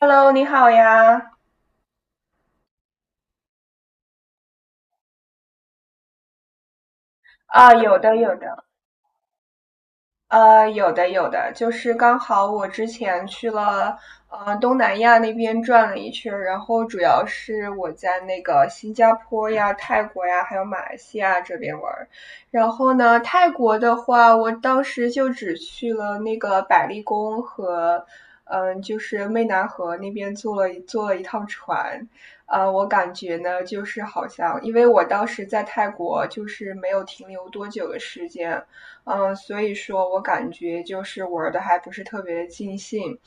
Hello，你好呀！啊，有的有的，有的有的，就是刚好我之前去了，东南亚那边转了一圈儿，然后主要是我在那个新加坡呀、泰国呀，还有马来西亚这边玩儿。然后呢，泰国的话，我当时就只去了那个百丽宫和，就是湄南河那边坐了一趟船。我感觉呢，就是好像，因为我当时在泰国就是没有停留多久的时间，嗯，所以说我感觉就是玩的还不是特别的尽兴，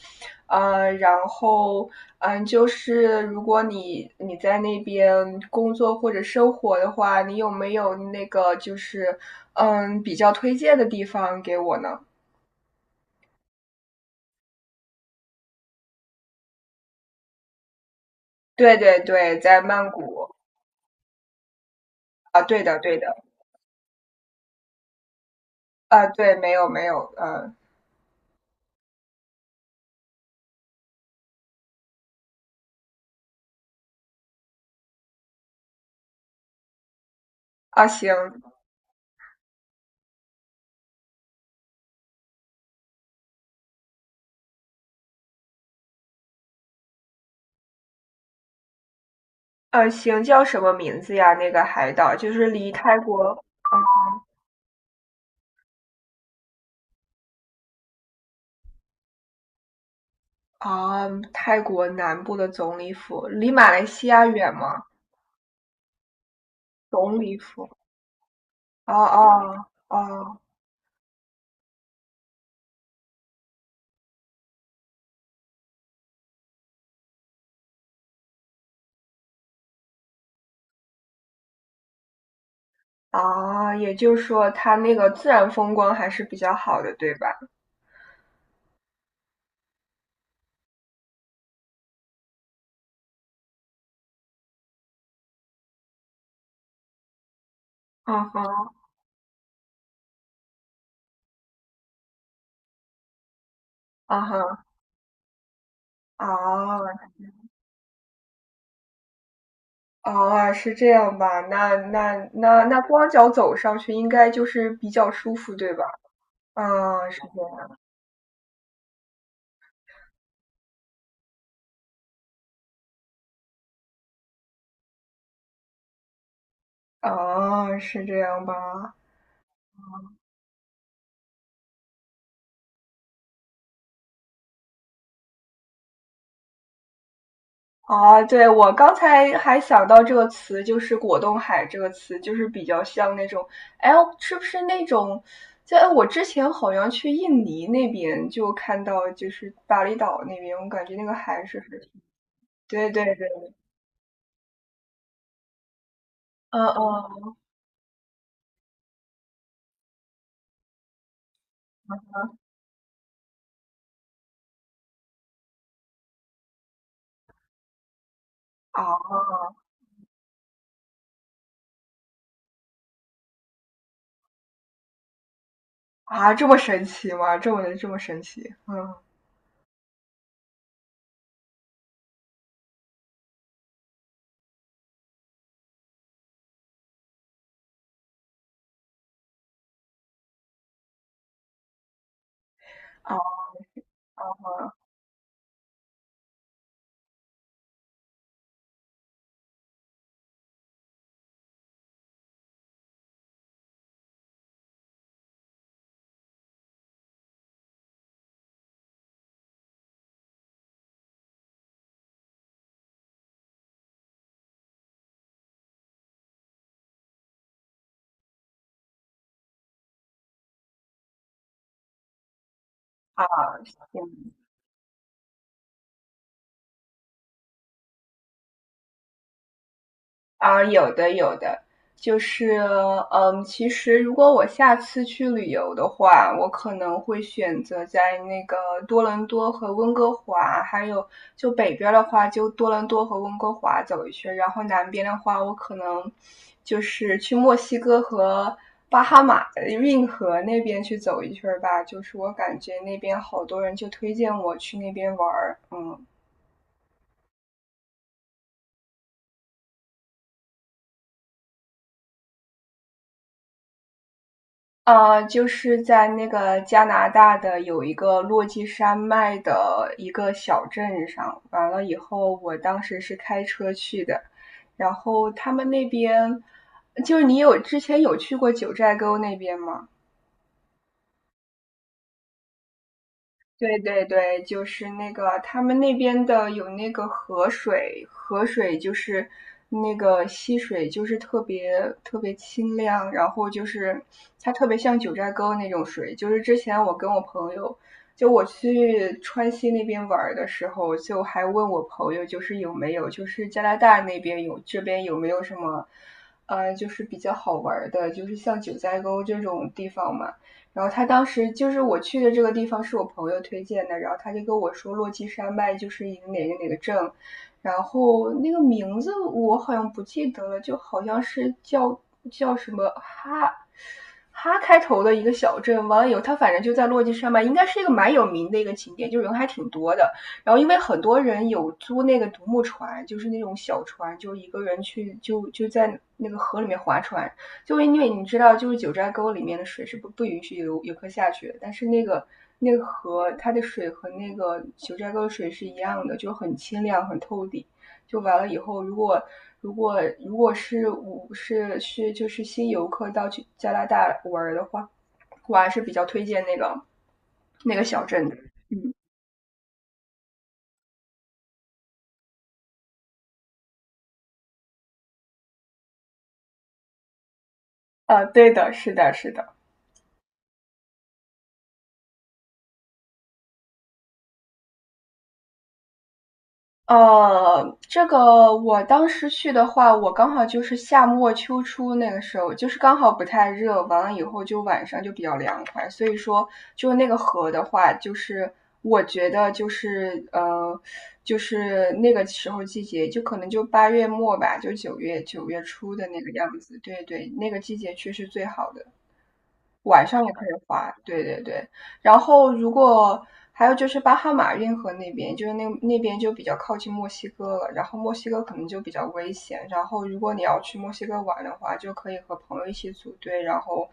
呃，然后就是如果你在那边工作或者生活的话，你有没有那个就是嗯比较推荐的地方给我呢？对对对，在曼谷。啊，对的对的。啊，对，没有没有，嗯。啊行。啊行，叫什么名字呀？那个海岛就是离泰国。嗯。啊，泰国南部的总理府离马来西亚远吗？总理府，哦哦哦。啊，也就是说它那个自然风光还是比较好的，对吧？啊哈。啊哈。啊。啊，是这样吧？那光脚走上去应该就是比较舒服，对吧？啊，是这样。啊，是这样吧？啊，对，我刚才还想到这个词，就是"果冻海"这个词，就是比较像那种，哎，是不是那种？在我之前好像去印尼那边就看到，就是巴厘岛那边，我感觉那个海是很……对对对，嗯嗯。啊啊，这么神奇吗？这么神奇，嗯。啊啊。啊啊行。啊，有的有的，就是，嗯，其实如果我下次去旅游的话，我可能会选择在那个多伦多和温哥华，还有就北边的话，就多伦多和温哥华走一圈，然后南边的话，我可能就是去墨西哥和巴哈马运河那边去走一圈吧。就是我感觉那边好多人就推荐我去那边玩儿嗯。就是在那个加拿大的有一个落基山脉的一个小镇上，完了以后，我当时是开车去的，然后他们那边，就是你之前有去过九寨沟那边吗？对对对，就是那个他们那边的有那个河水就是那个溪水，就是特别清亮，然后就是它特别像九寨沟那种水。就是之前我跟我朋友，就我去川西那边玩儿的时候，就还问我朋友，就是有没有，就是加拿大那边有，这边有没有什么，就是比较好玩儿的，就是像九寨沟这种地方嘛。然后他当时就是我去的这个地方是我朋友推荐的，然后他就跟我说洛基山脉就是一个哪个镇，然后那个名字我好像不记得了，就好像是叫什么哈开头的一个小镇。完了以后，他反正就在洛基山脉，应该是一个蛮有名的一个景点，就是人还挺多的。然后因为很多人有租那个独木船，就是那种小船，就是一个人去就在那个河里面划船，就因为你知道，就是九寨沟里面的水是不允许游客下去的但是那个河它的水和那个九寨沟的水是一样的，就很清亮、很透底。就完了以后，如果是我就是新游客到去加拿大玩的话，我还是比较推荐那个小镇的。嗯。啊，对的，是的，是的。这个我当时去的话，我刚好就是夏末秋初那个时候，就是刚好不太热，完了以后就晚上就比较凉快，所以说就那个河的话，就是我觉得就是就是那个时候季节，就可能就八月末吧，就九月初的那个样子，对对，那个季节去是最好的。晚上也可以滑，对对对。然后如果还有就是巴哈马运河那边，就是那边就比较靠近墨西哥了，然后墨西哥可能就比较危险。然后如果你要去墨西哥玩的话，就可以和朋友一起组队，然后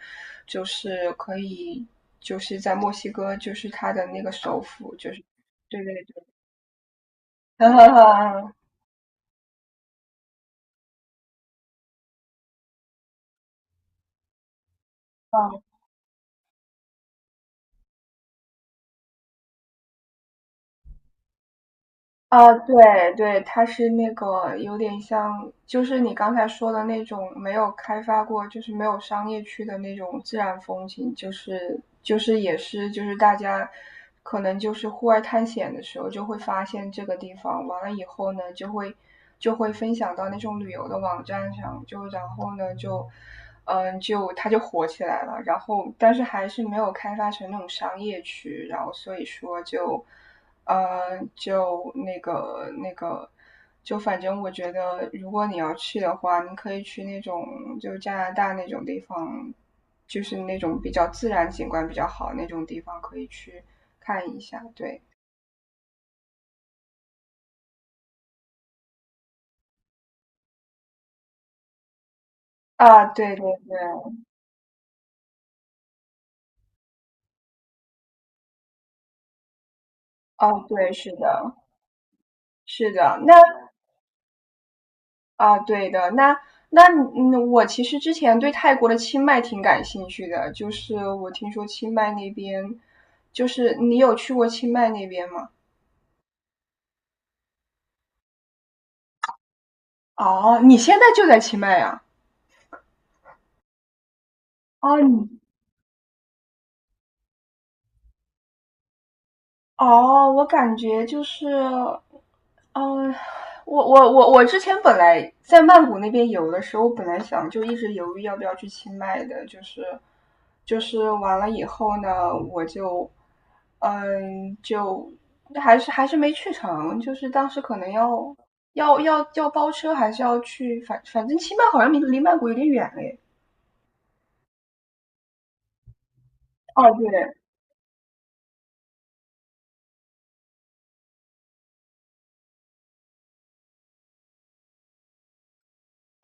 就是可以就是在墨西哥，就是它的那个首府，就是对对对，哈哈哈。啊，对对，它是那个有点像，就是你刚才说的那种没有开发过，就是没有商业区的那种自然风景，就是也是就是大家可能就是户外探险的时候就会发现这个地方，完了以后呢就会分享到那种旅游的网站上，就然后呢就嗯就它就火起来了，然后但是还是没有开发成那种商业区，然后所以说就。就那个，就反正我觉得，如果你要去的话，你可以去那种就加拿大那种地方，就是那种比较自然景观比较好那种地方，可以去看一下。对。啊，对对对。哦，对，是的，是的。那啊，对的。那那嗯，我其实之前对泰国的清迈挺感兴趣的，就是我听说清迈那边，就是你有去过清迈那边吗？哦，你现在就在清迈呀？哦，你哦，我感觉就是，嗯、我之前本来在曼谷那边游的时候，我本来想就一直犹豫要不要去清迈的，就是就是完了以后呢，我就嗯就还是没去成，就是当时可能要包车，还是要去反正清迈好像离曼谷有点远嘞。哦，对。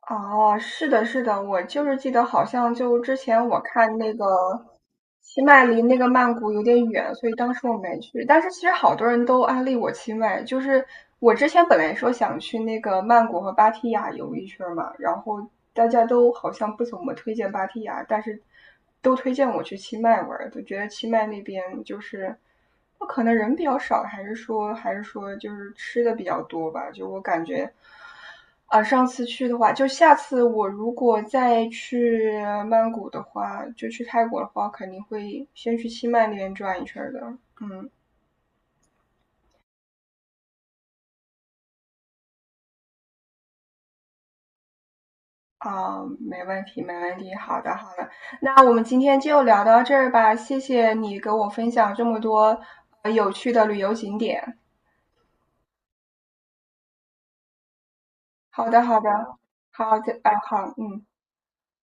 哦，是的，是的，我就是记得好像就之前我看那个清迈离那个曼谷有点远，所以当时我没去。但是其实好多人都安利我清迈，就是我之前本来说想去那个曼谷和芭提雅游一圈嘛，然后大家都好像不怎么推荐芭提雅，但是都推荐我去清迈玩儿，都觉得清迈那边就是。那可能人比较少，还是说就是吃的比较多吧？就我感觉，啊，上次去的话，就下次我如果再去曼谷的话，就去泰国的话，肯定会先去清迈那边转一圈儿的。嗯。啊，没问题，没问题。好的，好的。那我们今天就聊到这儿吧，谢谢你给我分享这么多有趣的旅游景点。好的，好的，好的，啊，好，嗯。